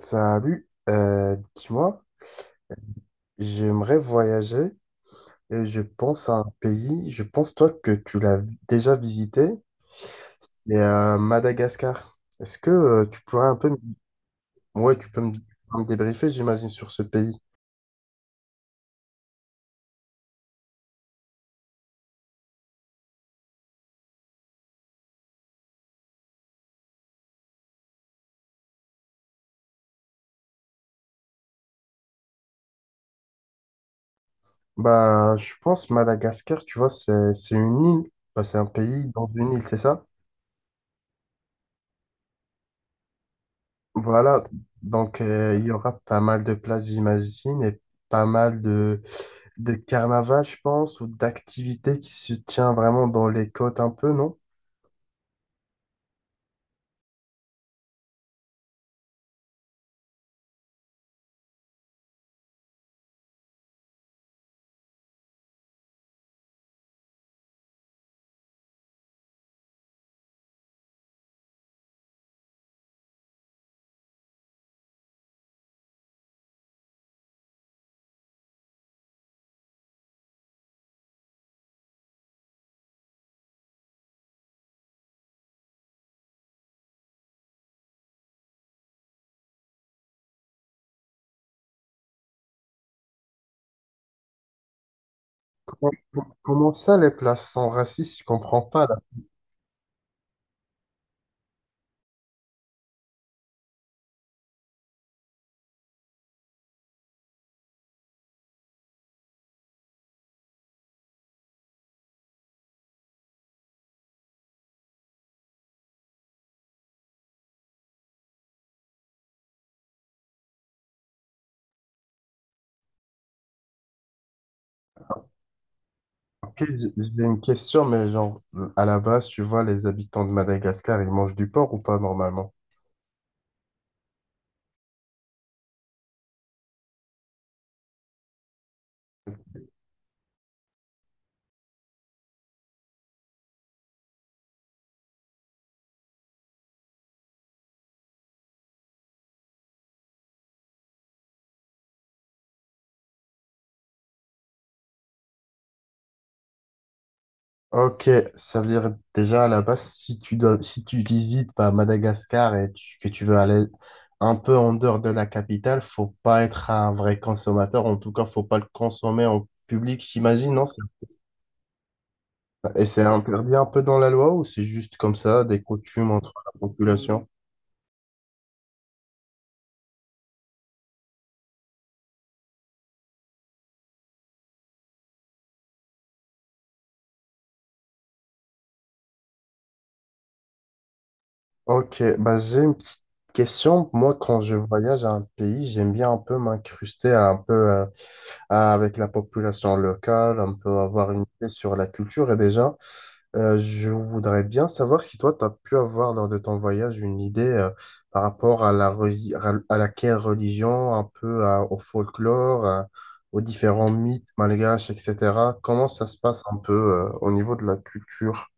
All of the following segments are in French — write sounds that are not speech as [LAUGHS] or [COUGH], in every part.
Salut, dis-moi, j'aimerais voyager et je pense à un pays, je pense toi que tu l'as déjà visité, c'est Madagascar. Est-ce que tu pourrais un peu, ouais, tu peux me débriefer, j'imagine, sur ce pays? Bah, je pense Madagascar, tu vois, c'est une île. Bah, c'est un pays dans une île, c'est ça? Voilà, donc il y aura pas mal de places, j'imagine, et pas mal de carnaval, je pense, ou d'activités qui se tient vraiment dans les côtes un peu, non? Comment ça, les places sont racistes? Je comprends pas, là. Ok, j'ai une question, mais genre, à la base, tu vois, les habitants de Madagascar, ils mangent du porc ou pas, normalement? Ok, ça veut dire déjà à la base, si tu visites bah, Madagascar et que tu veux aller un peu en dehors de la capitale, faut pas être un vrai consommateur. En tout cas, faut pas le consommer en public, j'imagine, non? Et c'est interdit un peu dans la loi ou c'est juste comme ça, des coutumes entre la population? Ok, bah j'ai une petite question. Moi, quand je voyage à un pays, j'aime bien un peu m'incruster à un peu, avec la population locale, on peut avoir une idée sur la culture. Et déjà, je voudrais bien savoir si toi, tu as pu avoir lors de ton voyage une idée par rapport à à laquelle religion, un peu au folklore, aux différents mythes malgaches, etc. Comment ça se passe un peu au niveau de la culture?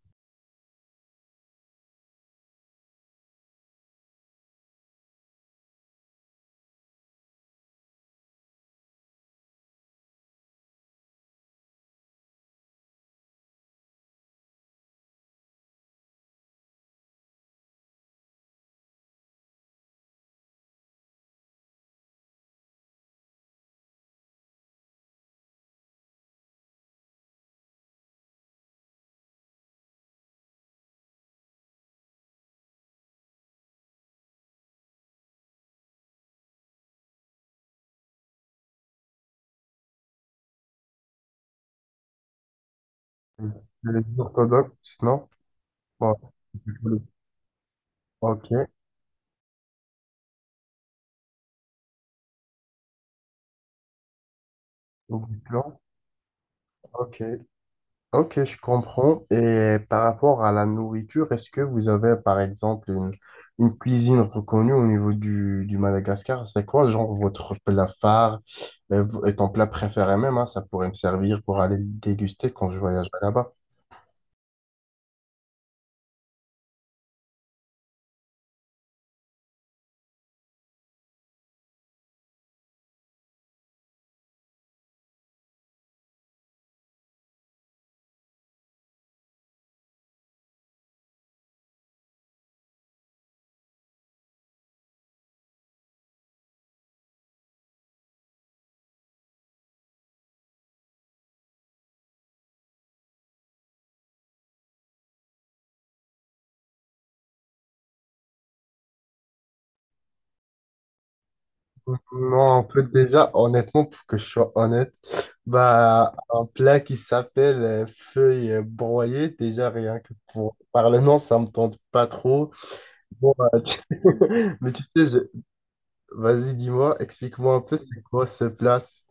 Les orthodoxes, non? Bon, ok, au clan, ok. Ok, je comprends. Et par rapport à la nourriture, est-ce que vous avez, par exemple, une cuisine reconnue au niveau du Madagascar? C'est quoi, genre, votre plat phare et ton plat préféré même, hein, ça pourrait me servir pour aller le déguster quand je voyagerai là-bas. Non, on peut déjà, honnêtement, pour que je sois honnête, bah, un plat qui s'appelle feuilles broyées, déjà rien que pour, par le nom, ça me tente pas trop. Bon, [LAUGHS] mais tu sais, vas-y, dis-moi, explique-moi un peu, c'est quoi ce place?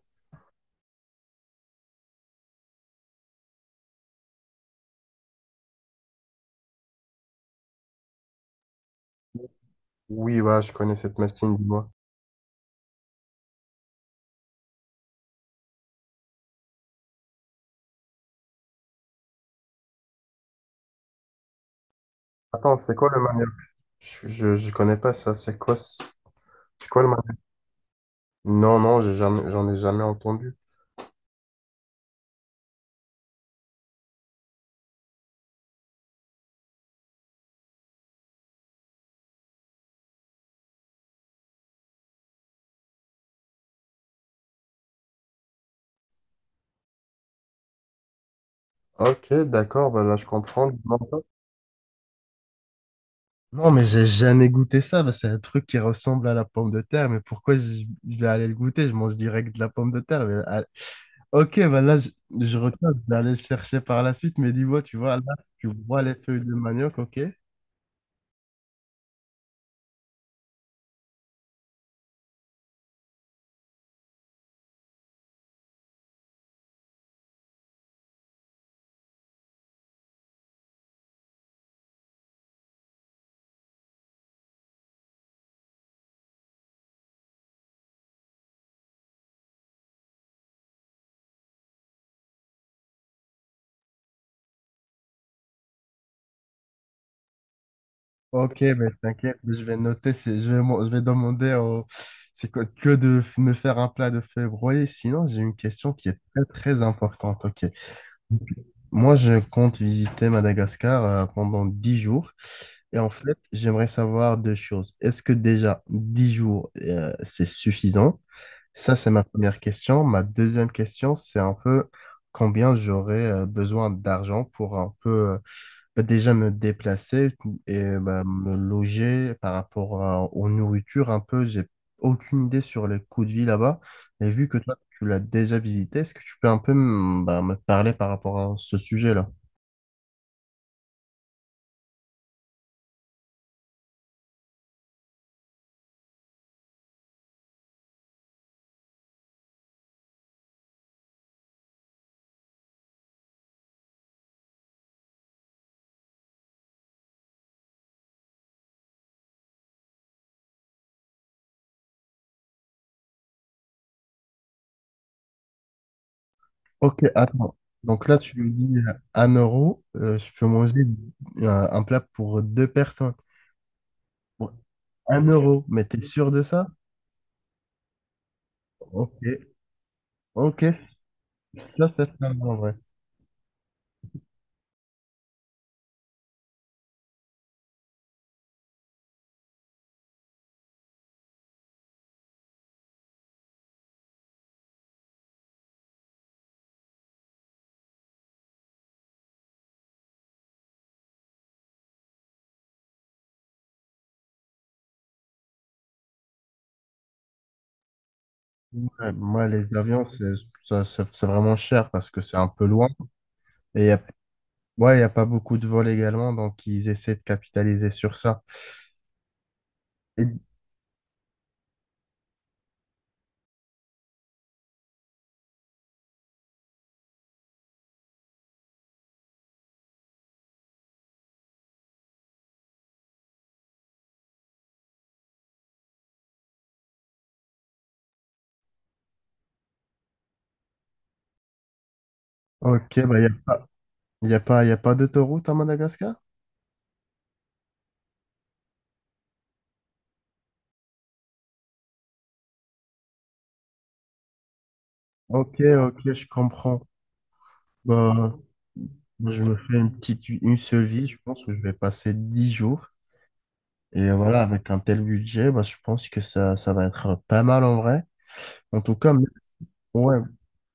Oui, ouais, je connais cette machine, dis-moi. Attends, c'est quoi le manioc? Je connais pas ça, c'est quoi, c'est quoi le manioc? Non, non, j'ai jamais, j'en ai jamais entendu. Ok, d'accord, bah là, je comprends. Dis-moi un peu. Non, mais j'ai jamais goûté ça, bah, c'est un truc qui ressemble à la pomme de terre, mais pourquoi je vais aller le goûter? Je mange direct de la pomme de terre. Mais, ah, ok, bah là, je retiens, je vais aller le chercher par la suite, mais dis-moi, tu vois, là, tu vois les feuilles de manioc, ok? Ok, mais t'inquiète, mais je vais noter, je vais demander au, c'est quoi, me faire un plat de feu broyé. Sinon, j'ai une question qui est très, très importante. Ok. Moi, je compte visiter Madagascar pendant 10 jours. Et en fait, j'aimerais savoir deux choses. Est-ce que déjà 10 jours, c'est suffisant? Ça, c'est ma première question. Ma deuxième question, c'est un peu combien j'aurais besoin d'argent pour un peu bah, déjà me déplacer et bah, me loger par rapport aux nourritures un peu, j'ai aucune idée sur les coûts de vie là-bas. Et vu que toi, tu l'as déjà visité, est-ce que tu peux un peu bah, me parler par rapport à ce sujet-là? Ok, attends. Donc là, tu me dis 1 euro, je peux manger un plat pour deux personnes. Pour 1 euro, mais t'es sûr de ça? Ok, ok, ça, c'est pas mal, en vrai. Ouais, moi, les avions, c'est c'est vraiment cher parce que c'est un peu loin. Et ouais, il n'y a pas beaucoup de vols également, donc ils essaient de capitaliser sur ça. Et- ok, bah, il n'y a pas, y a pas, y a pas d'autoroute à Madagascar? Ok, ok, je comprends. Bah, moi, je me fais une seule vie, je pense que je vais passer 10 jours. Et voilà, avec un tel budget, bah, je pense que ça va être pas mal en vrai. En tout cas, ouais,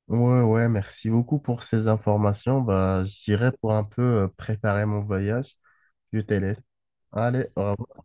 ouais, ouais, merci beaucoup pour ces informations. Bah, j'irai pour un peu préparer mon voyage. Je te laisse. Allez, au revoir.